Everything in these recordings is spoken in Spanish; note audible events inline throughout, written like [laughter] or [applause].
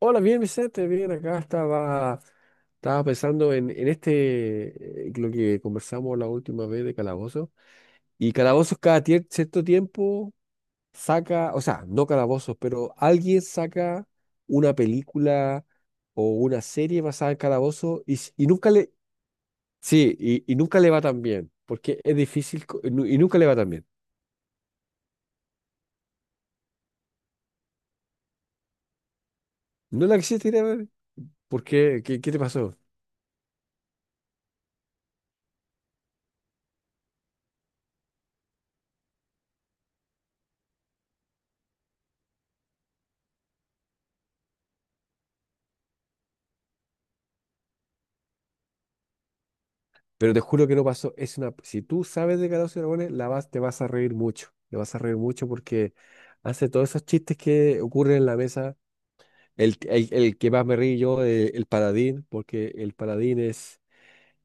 Hola, bien Vicente, bien, acá estaba, pensando en este, lo que conversamos la última vez de Calabozos. Y Calabozos cada cierto tiempo saca, o sea, no Calabozos, pero alguien saca una película o una serie basada en Calabozos y nunca le, sí, y nunca le va tan bien, porque es difícil y nunca le va tan bien. ¿No la quisiste ir a ver? ¿Por qué? ¿Qué, te pasó? Pero te juro que no pasó. Es una, si tú sabes de Calabozos y Dragones, te vas a reír mucho. Te vas a reír mucho porque hace todos esos chistes que ocurren en la mesa. El que más me río yo, el paladín, porque el paladín es,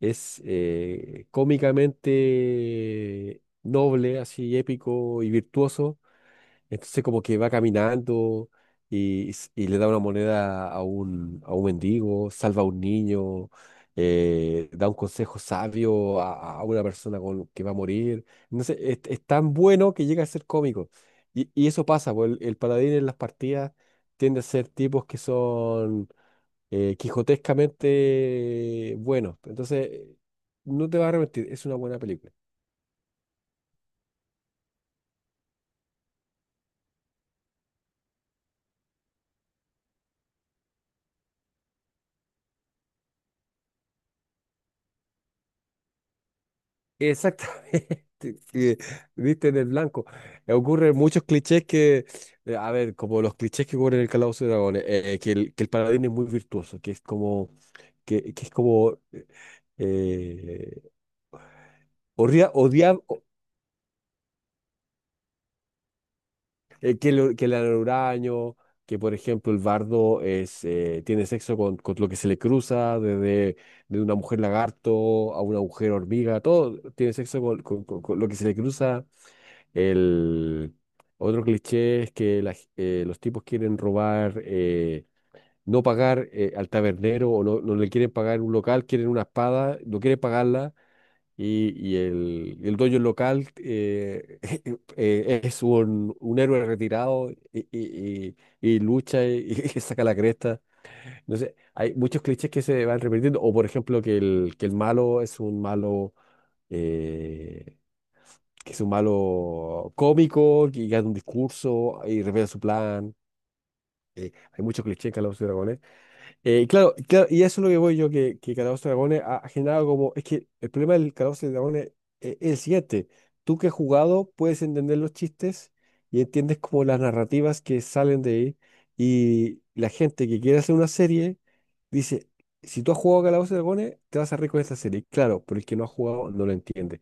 es eh, cómicamente noble, así épico y virtuoso, entonces como que va caminando y le da una moneda a un mendigo, salva a un niño, da un consejo sabio a una persona que va a morir. Entonces es tan bueno que llega a ser cómico. Y eso pasa, pues el paladín en las partidas tiende a ser tipos que son quijotescamente buenos. Entonces no te vas a arrepentir, es una buena película. Exactamente, [laughs] que diste en el blanco. Ocurren muchos clichés que, a ver, como los clichés que ocurren en el Calabozo de Dragones, que el paladín es muy virtuoso, que es como, eh, odia, odia- o- que le dan uraño, que por ejemplo el bardo tiene sexo con lo que se le cruza, desde de una mujer lagarto a una mujer hormiga, todo tiene sexo con lo que se le cruza. El otro cliché es que los tipos quieren robar, no pagar al tabernero o no le quieren pagar un local, quieren una espada, no quieren pagarla y el dueño del local [laughs] es un héroe retirado y lucha [laughs] y saca la cresta. No sé, hay muchos clichés que se van repitiendo o por ejemplo que el malo es un malo. eh, que es un malo cómico, que gana un discurso y revela su plan. Hay mucho cliché en Calabozos y Dragones. Y claro, y claro, y eso es lo que voy yo, que Calabozos y Dragones ha generado como... Es que el problema del Calabozos y Dragones es el siguiente. Tú que has jugado puedes entender los chistes y entiendes como las narrativas que salen de ahí. Y la gente que quiere hacer una serie dice, si tú has jugado Calabozos y Dragones, te vas a reír con esta serie. Claro, pero el que no ha jugado no lo entiende.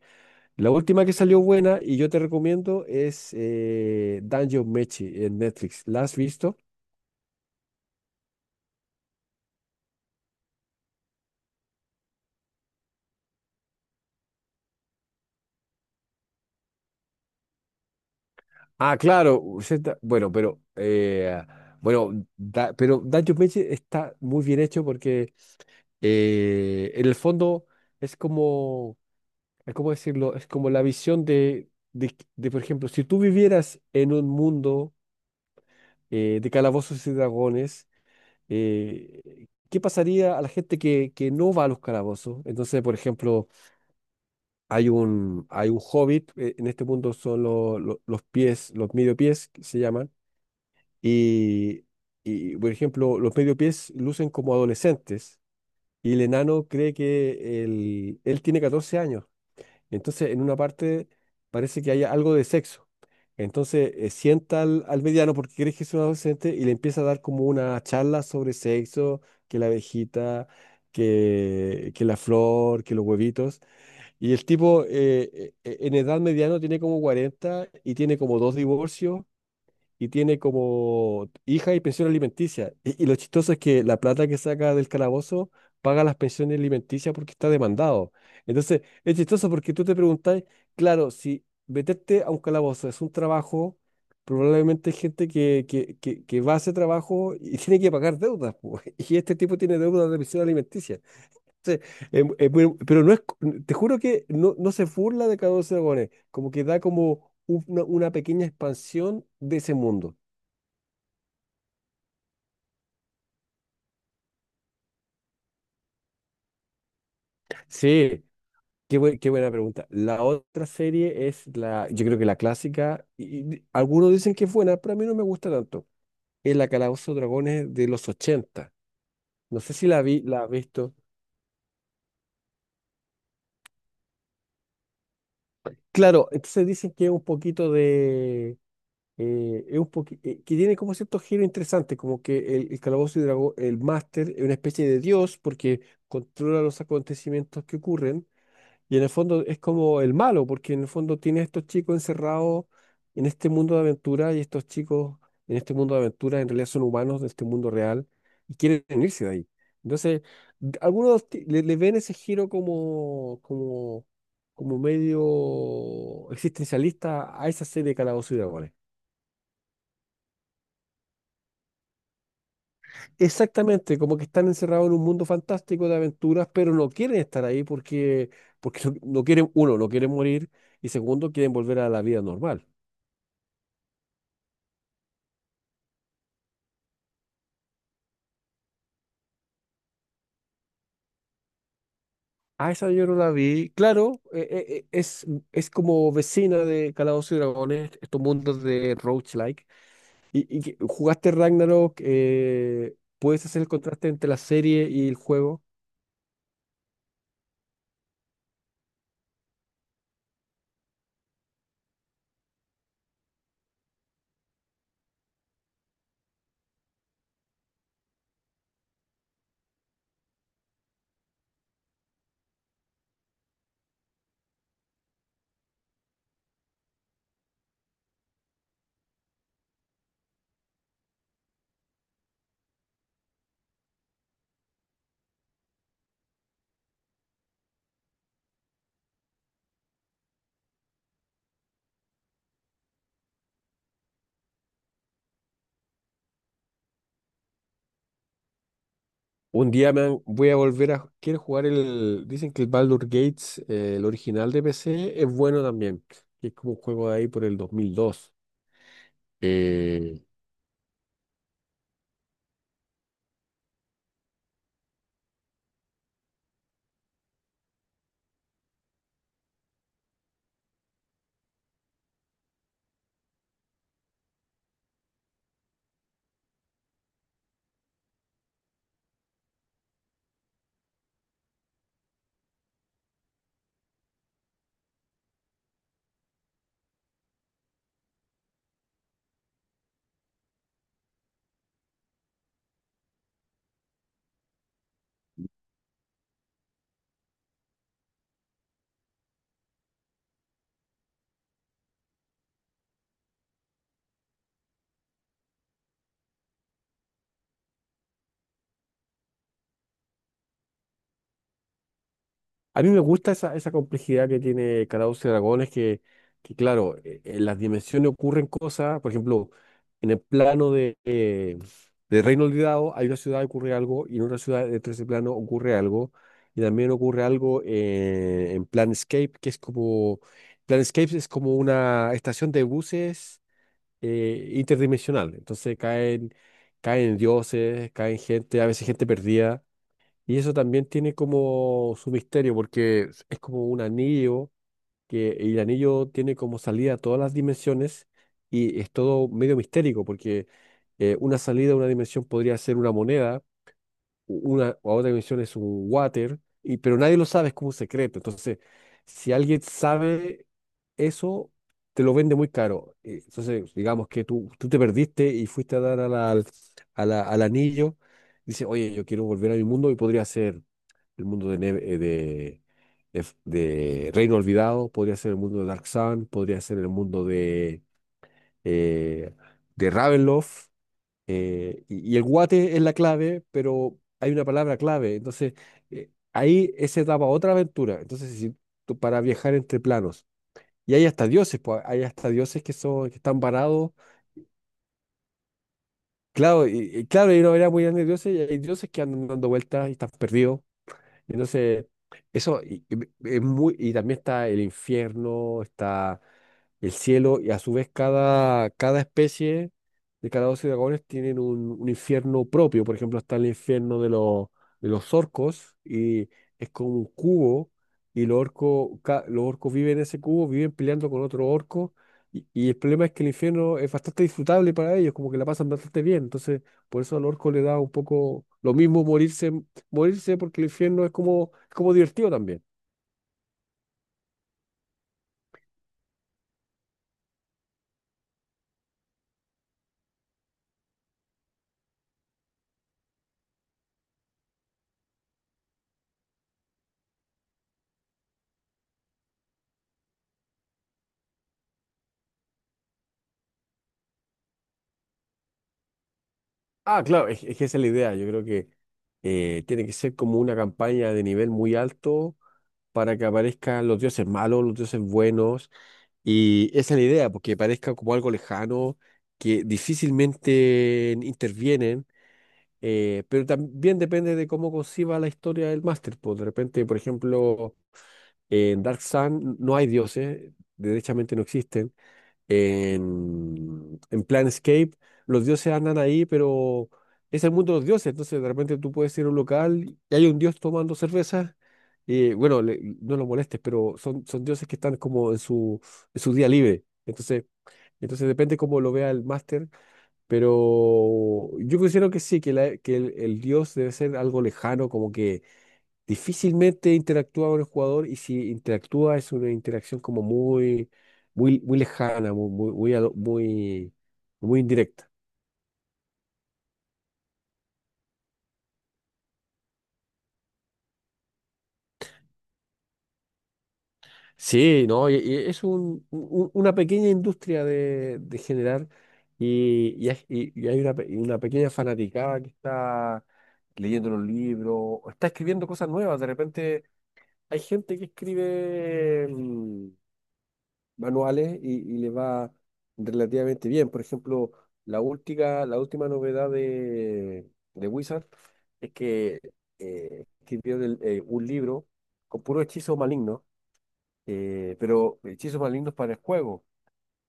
La última que salió buena y yo te recomiendo es Danjo Mechi en Netflix. ¿La has visto? Ah, claro. Bueno, pero bueno, pero Danjo Mechi está muy bien hecho porque en el fondo es como, es como decirlo, es como la visión de, por ejemplo, si tú vivieras en un mundo de calabozos y dragones, ¿qué pasaría a la gente que no va a los calabozos? Entonces, por ejemplo, hay un hobbit, en este punto son los pies, los medio pies que se llaman, y, y, por ejemplo, los medio pies lucen como adolescentes, y el enano cree que él tiene 14 años, entonces en una parte parece que hay algo de sexo, entonces sienta al mediano porque cree que es un adolescente y le empieza a dar como una charla sobre sexo, que la abejita, que la flor, que los huevitos. Y el tipo en edad mediana tiene como 40 y tiene como dos divorcios y tiene como hija y pensión alimenticia. Y lo chistoso es que la plata que saca del calabozo paga las pensiones alimenticias porque está demandado. Entonces, es chistoso porque tú te preguntás, claro, si meterte a un calabozo es un trabajo, probablemente hay gente que va a ese trabajo y [laughs] tiene que pagar deudas po. [laughs] Y este tipo tiene deudas de pensión alimenticia. Sí, pero no es, te juro que no se burla de Calabozos y Dragones, como que da como una pequeña expansión de ese mundo. Sí, qué buena pregunta. La otra serie es yo creo que la clásica, y algunos dicen que es buena, pero a mí no me gusta tanto. Es la Calabozo y Dragones de los ochenta. No sé si la vi. ¿La has visto? Claro, entonces dicen que es un poquito de, que tiene como cierto giro interesante, como que el Calabozo y Dragón, el máster, es una especie de dios porque controla los acontecimientos que ocurren y en el fondo es como el malo, porque en el fondo tiene a estos chicos encerrados en este mundo de aventura y estos chicos en este mundo de aventura en realidad son humanos de este mundo real y quieren irse de ahí. Entonces, le ven ese giro como, medio existencialista a esa serie de Calabozo y Dragones. Exactamente, como que están encerrados en un mundo fantástico de aventuras, pero no quieren estar ahí porque, no quieren, uno, no quieren morir y segundo, quieren volver a la vida normal. Ah, esa yo no la vi. Claro, es como vecina de Calabozos y Dragones, estos mundos de roguelike. Jugaste Ragnarok. ¿Puedes hacer el contraste entre la serie y el juego? Un día voy a volver a... Quiero jugar el... Dicen que el Baldur Gates, el original de PC, es bueno también. Que es como un juego de ahí por el 2002. Eh, A mí me gusta esa complejidad que tiene Calados y Dragones, que claro, en las dimensiones ocurren cosas, por ejemplo, en el plano de Reino Olvidado hay una ciudad que ocurre algo y en otra ciudad de ese plano ocurre algo y también ocurre algo en Planescape, Planescape es como una estación de buses interdimensional, entonces caen dioses, caen gente, a veces gente perdida. Y eso también tiene como su misterio, porque es como un anillo, que y el anillo tiene como salida a todas las dimensiones y es todo medio mistérico, porque una salida a una dimensión podría ser una moneda, una o a otra dimensión es un water, y, pero nadie lo sabe, es como un secreto. Entonces, si alguien sabe eso, te lo vende muy caro. Entonces, digamos que tú te perdiste y fuiste a dar al anillo, dice, oye, yo quiero volver a mi mundo y podría ser el mundo de, Neve- de F- de Reino Olvidado, podría ser el mundo de Dark Sun, podría ser el mundo eh, de Ravenloft. Y el guate es la clave, pero hay una palabra clave. Entonces, ahí esa daba otra aventura. Entonces, si para viajar entre planos. Y hay hasta dioses, pues, hay hasta dioses que son, que están varados. Claro, y claro, hay una variedad muy grande de dioses, y hay dioses que andan dando vueltas y están perdidos. Entonces, eso y también está el infierno, está el cielo, y a su vez cada especie de cada 12 dragones tienen un infierno propio. Por ejemplo, está el infierno de los, orcos, y es como un cubo, y los orcos viven en ese cubo, viven peleando con otro orco, y el problema es que el infierno es bastante disfrutable para ellos, como que la pasan bastante bien. Entonces, por eso al orco le da un poco lo mismo morirse porque el infierno es como, divertido también. Ah, claro, es que esa es la idea. Yo creo que tiene que ser como una campaña de nivel muy alto para que aparezcan los dioses malos, los dioses buenos. Y esa es la idea, porque parezca como algo lejano, que difícilmente intervienen. Pero también depende de cómo conciba la historia del máster, pues. De repente, por ejemplo, en Dark Sun no hay dioses, derechamente no existen. En Planescape, los dioses andan ahí, pero es el mundo de los dioses. Entonces, de repente tú puedes ir a un local y hay un dios tomando cerveza. Y bueno, no lo molestes, pero son dioses que están como en su, día libre. Entonces, depende cómo lo vea el máster, pero yo considero que sí, que el dios debe ser algo lejano, como que difícilmente interactúa con el jugador y si interactúa es una interacción como muy, muy, muy lejana, muy, muy, muy, muy indirecta. Sí, no, y es una pequeña industria de generar, y hay una pequeña fanaticada que está leyendo los libros o está escribiendo cosas nuevas. De repente hay gente que escribe manuales y le va relativamente bien. Por ejemplo, la última novedad de Wizard es que escribió un libro con puros hechizos malignos, pero hechizos malignos para el juego.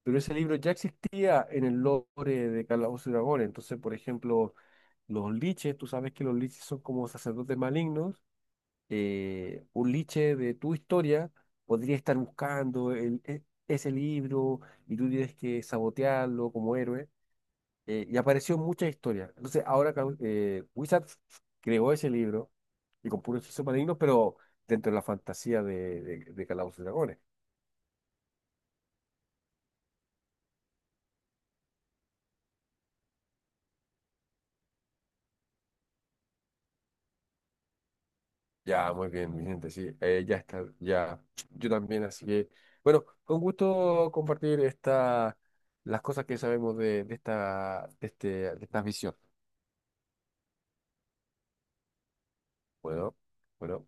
Pero ese libro ya existía en el lore de Calabozos y Dragones. Entonces, por ejemplo, los liches, tú sabes que los liches son como sacerdotes malignos. Un liche de tu historia podría estar buscando ese libro y tú tienes que sabotearlo como héroe. Y apareció muchas historias. Entonces ahora Wizards creó ese libro y con puros hechizos malignos, pero dentro de la fantasía de Calabozos y Dragones. Ya, muy bien, Vicente, sí, ya está, ya, yo también, así que, bueno, con gusto compartir las cosas que sabemos de esta visión. Bueno. Bueno.